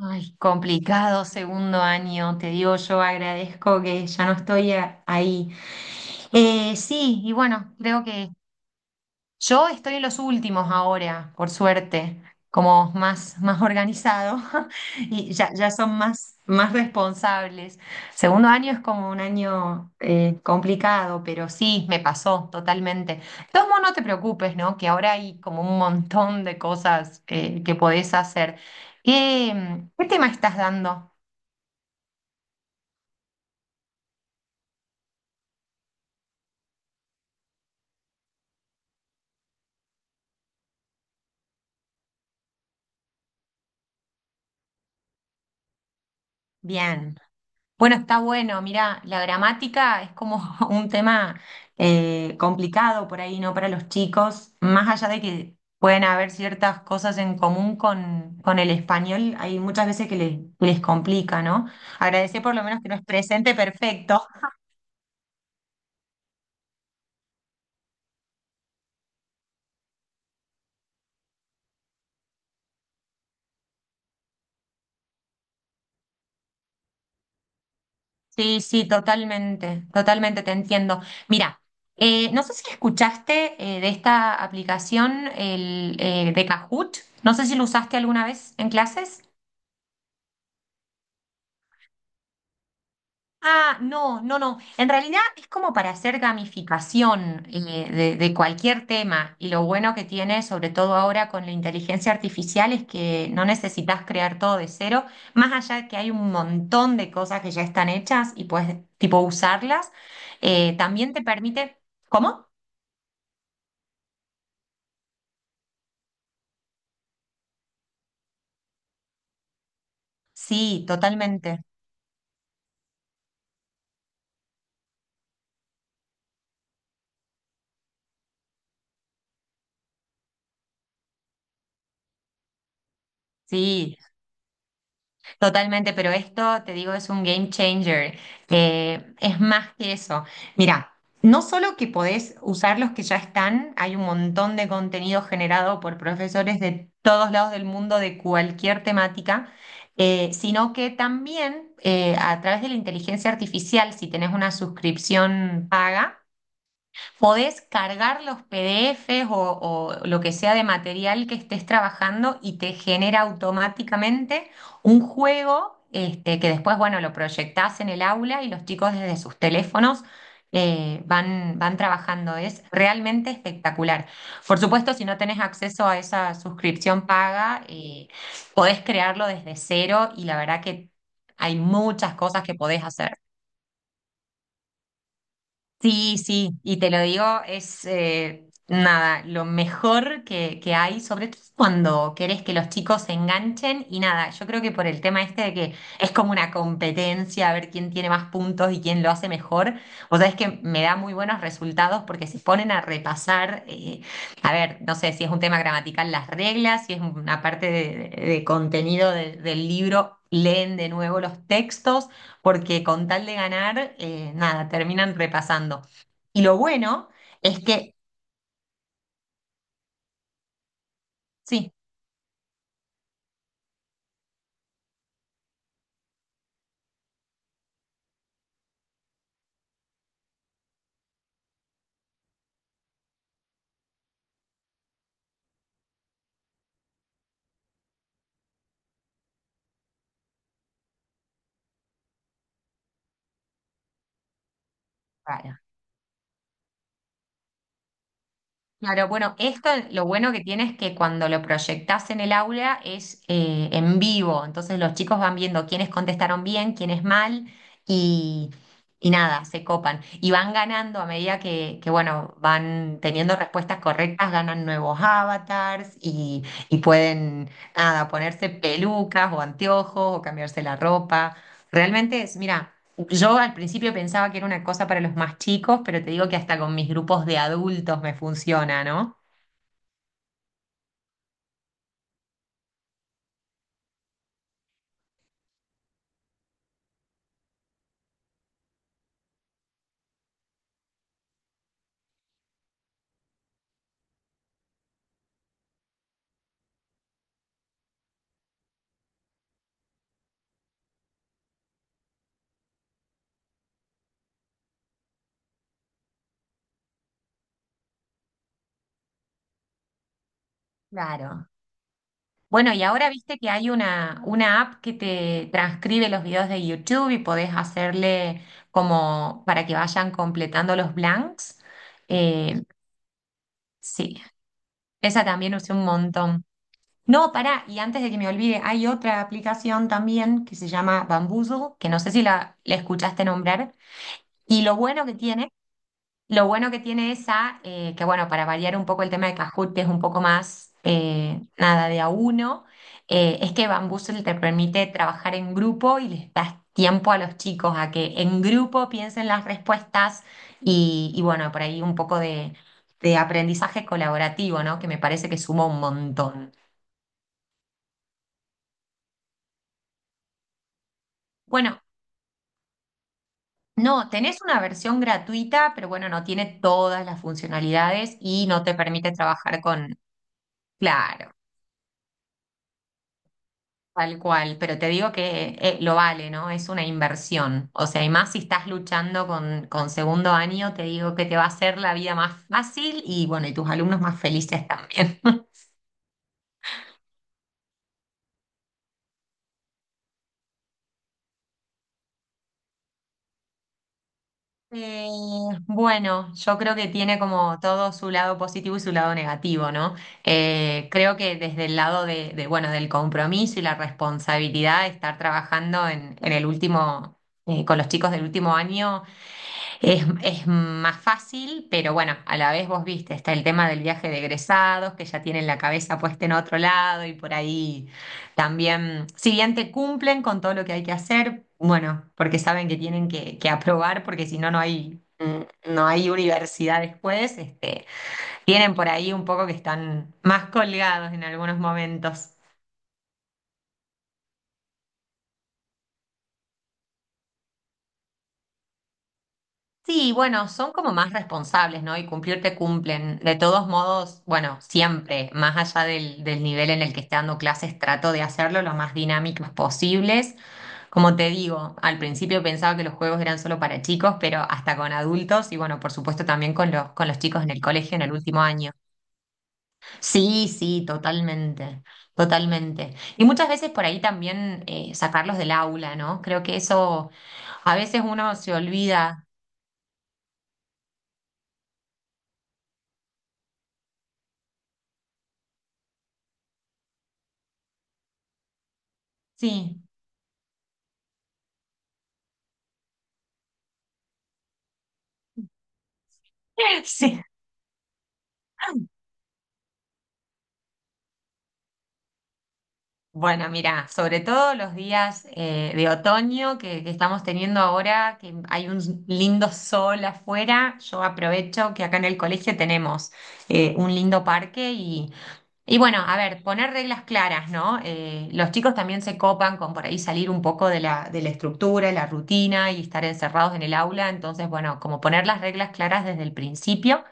Ay, complicado segundo año, te digo, yo agradezco que ya no estoy ahí. Sí, y bueno, creo que yo estoy en los últimos ahora, por suerte, como más organizado. Y ya son más responsables. Segundo año es como un año complicado, pero sí, me pasó totalmente. De todos modos, no te preocupes, ¿no? Que ahora hay como un montón de cosas que podés hacer. ¿Qué tema estás dando? Bien. Bueno, está bueno. Mirá, la gramática es como un tema complicado por ahí, ¿no? Para los chicos, más allá de que pueden haber ciertas cosas en común con el español, hay muchas veces que les complica, ¿no? Agradecer por lo menos que no es presente perfecto. Sí, totalmente te entiendo. Mira, no sé si escuchaste de esta aplicación de Kahoot, no sé si lo usaste alguna vez en clases. Ah, no, no, no. En realidad es como para hacer gamificación de cualquier tema. Y lo bueno que tiene, sobre todo ahora con la inteligencia artificial, es que no necesitas crear todo de cero, más allá de que hay un montón de cosas que ya están hechas y puedes, tipo, usarlas. También te permite... ¿Cómo? Sí, totalmente. Sí. Totalmente, pero esto, te digo, es un game changer. Es más que eso. Mira, no solo que podés usar los que ya están, hay un montón de contenido generado por profesores de todos lados del mundo de cualquier temática, sino que también a través de la inteligencia artificial, si tenés una suscripción paga, podés cargar los PDFs o lo que sea de material que estés trabajando y te genera automáticamente un juego este, que después, bueno, lo proyectás en el aula y los chicos desde sus teléfonos van trabajando. Es realmente espectacular. Por supuesto, si no tenés acceso a esa suscripción paga, podés crearlo desde cero y la verdad que hay muchas cosas que podés hacer. Sí, y te lo digo, es nada, lo mejor que hay, sobre todo cuando querés que los chicos se enganchen y nada, yo creo que por el tema este de que es como una competencia, a ver quién tiene más puntos y quién lo hace mejor, vos sabés que me da muy buenos resultados porque se ponen a repasar, a ver, no sé si es un tema gramatical las reglas, si es una parte de contenido del libro, leen de nuevo los textos porque con tal de ganar, nada, terminan repasando. Y lo bueno es que, sí, para. Claro, bueno, esto lo bueno que tiene es que cuando lo proyectás en el aula es en vivo, entonces los chicos van viendo quiénes contestaron bien, quiénes mal y, y nada, se copan. Y van ganando a medida que, bueno, van teniendo respuestas correctas, ganan nuevos avatars y pueden, nada, ponerse pelucas o anteojos o cambiarse la ropa. Realmente es, mira. Yo al principio pensaba que era una cosa para los más chicos, pero te digo que hasta con mis grupos de adultos me funciona, ¿no? Claro. Bueno, y ahora viste que hay una app que te transcribe los videos de YouTube y podés hacerle como para que vayan completando los blanks. Eh, sí, esa también usé un montón. No, pará, y antes de que me olvide, hay otra aplicación también que se llama Bamboozle, que no sé si la escuchaste nombrar. Y lo bueno que tiene Lo bueno que tiene esa, que bueno, para variar un poco el tema de Kahoot, que es un poco más, nada, de a uno, es que Bamboozle te permite trabajar en grupo y les das tiempo a los chicos a que en grupo piensen las respuestas y bueno, por ahí un poco de aprendizaje colaborativo, ¿no? Que me parece que suma un montón. Bueno, no, tenés una versión gratuita, pero bueno, no tiene todas las funcionalidades y no te permite trabajar con... Claro. Tal cual, pero te digo que lo vale, ¿no? Es una inversión. O sea, y más si estás luchando con segundo año, te digo que te va a hacer la vida más fácil y bueno, y tus alumnos más felices también. Eh, bueno, yo creo que tiene como todo su lado positivo y su lado negativo, ¿no? Creo que desde el lado bueno, del compromiso y la responsabilidad de estar trabajando en el último, con los chicos del último año, es más fácil, pero bueno, a la vez vos viste, está el tema del viaje de egresados, que ya tienen la cabeza puesta en otro lado y por ahí también, si bien te cumplen con todo lo que hay que hacer, bueno, porque saben que tienen que aprobar, porque si no, no hay, no hay universidad después, este, tienen por ahí un poco que están más colgados en algunos momentos. Sí, bueno, son como más responsables, ¿no? Y cumplir te cumplen. De todos modos, bueno, siempre, más allá del nivel en el que esté dando clases, trato de hacerlo lo más dinámicos posibles. Como te digo, al principio pensaba que los juegos eran solo para chicos, pero hasta con adultos y bueno, por supuesto también con con los chicos en el colegio en el último año. Sí, totalmente. Y muchas veces por ahí también sacarlos del aula, ¿no? Creo que eso a veces uno se olvida. Sí. Sí, bueno, mira, sobre todo los días de otoño que estamos teniendo ahora, que hay un lindo sol afuera, yo aprovecho que acá en el colegio tenemos un lindo parque y bueno, a ver, poner reglas claras, ¿no? Los chicos también se copan con por ahí salir un poco de de la estructura, la rutina y estar encerrados en el aula, entonces, bueno, como poner las reglas claras desde el principio.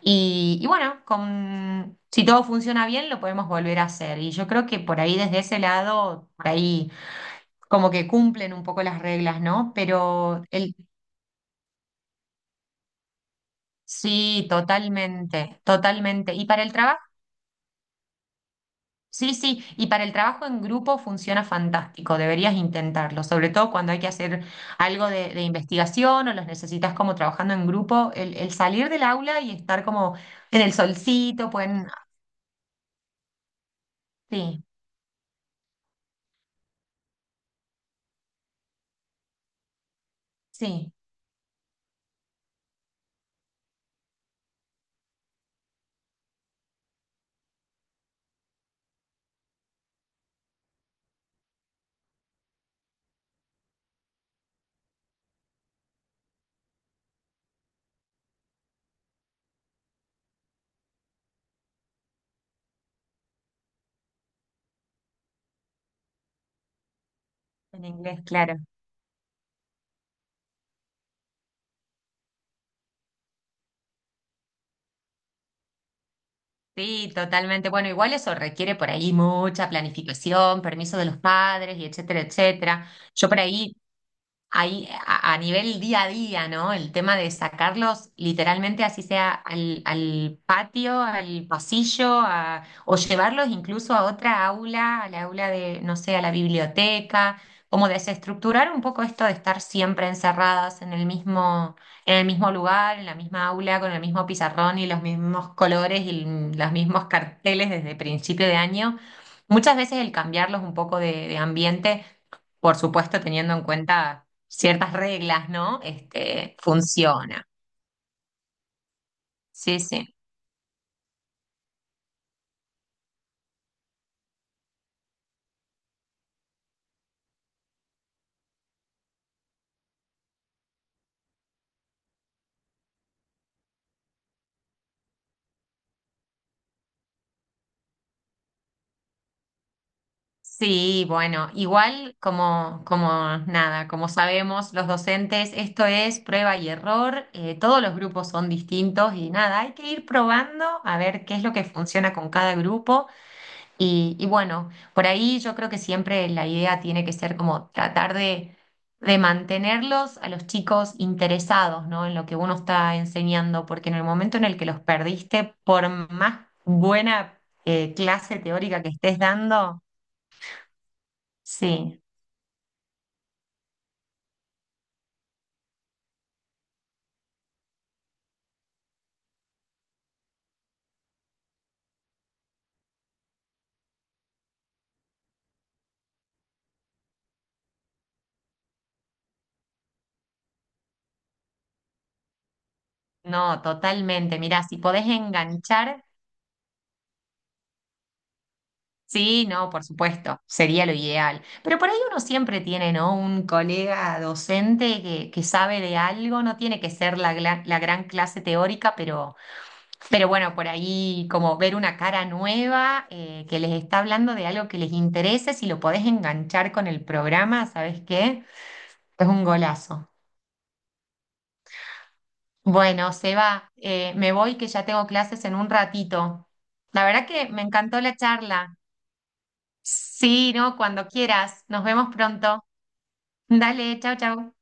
Y bueno, con, si todo funciona bien, lo podemos volver a hacer. Y yo creo que por ahí, desde ese lado, por ahí como que cumplen un poco las reglas, ¿no? Pero el, sí, totalmente. Y para el trabajo, sí, sí, y para el trabajo en grupo funciona fantástico, deberías intentarlo, sobre todo cuando hay que hacer algo de investigación o los necesitas como trabajando en grupo, el salir del aula y estar como en el solcito, pueden, sí, sí, en inglés, claro. Sí, totalmente. Bueno, igual eso requiere por ahí mucha planificación, permiso de los padres y etcétera, etcétera. Yo por ahí a nivel día a día, ¿no? El tema de sacarlos literalmente así sea al patio, al pasillo, o llevarlos incluso a otra aula, al aula de, no sé, a la biblioteca, como desestructurar un poco esto de estar siempre encerradas en el mismo lugar, en la misma aula, con el mismo pizarrón y los mismos colores y los mismos carteles desde principio de año. Muchas veces el cambiarlos un poco de ambiente por supuesto teniendo en cuenta ciertas reglas, ¿no? Este, funciona. Sí, sí. Sí, bueno, igual como nada, como sabemos los docentes, esto es prueba y error, todos los grupos son distintos y nada, hay que ir probando a ver qué es lo que funciona con cada grupo. Y bueno, por ahí yo creo que siempre la idea tiene que ser como tratar de mantenerlos a los chicos interesados, ¿no? En lo que uno está enseñando, porque en el momento en el que los perdiste, por más buena clase teórica que estés dando, sí, no, totalmente. Mirá, si podés enganchar sí, no, por supuesto, sería lo ideal. Pero por ahí uno siempre tiene, ¿no? Un colega docente que sabe de algo, no tiene que ser la gran clase teórica, pero bueno, por ahí como ver una cara nueva que les está hablando de algo que les interese, si lo podés enganchar con el programa, ¿sabes qué? Es un golazo. Bueno, Seba, me voy que ya tengo clases en un ratito. La verdad que me encantó la charla. Sí, no, cuando quieras. Nos vemos pronto. Dale, chao, chao.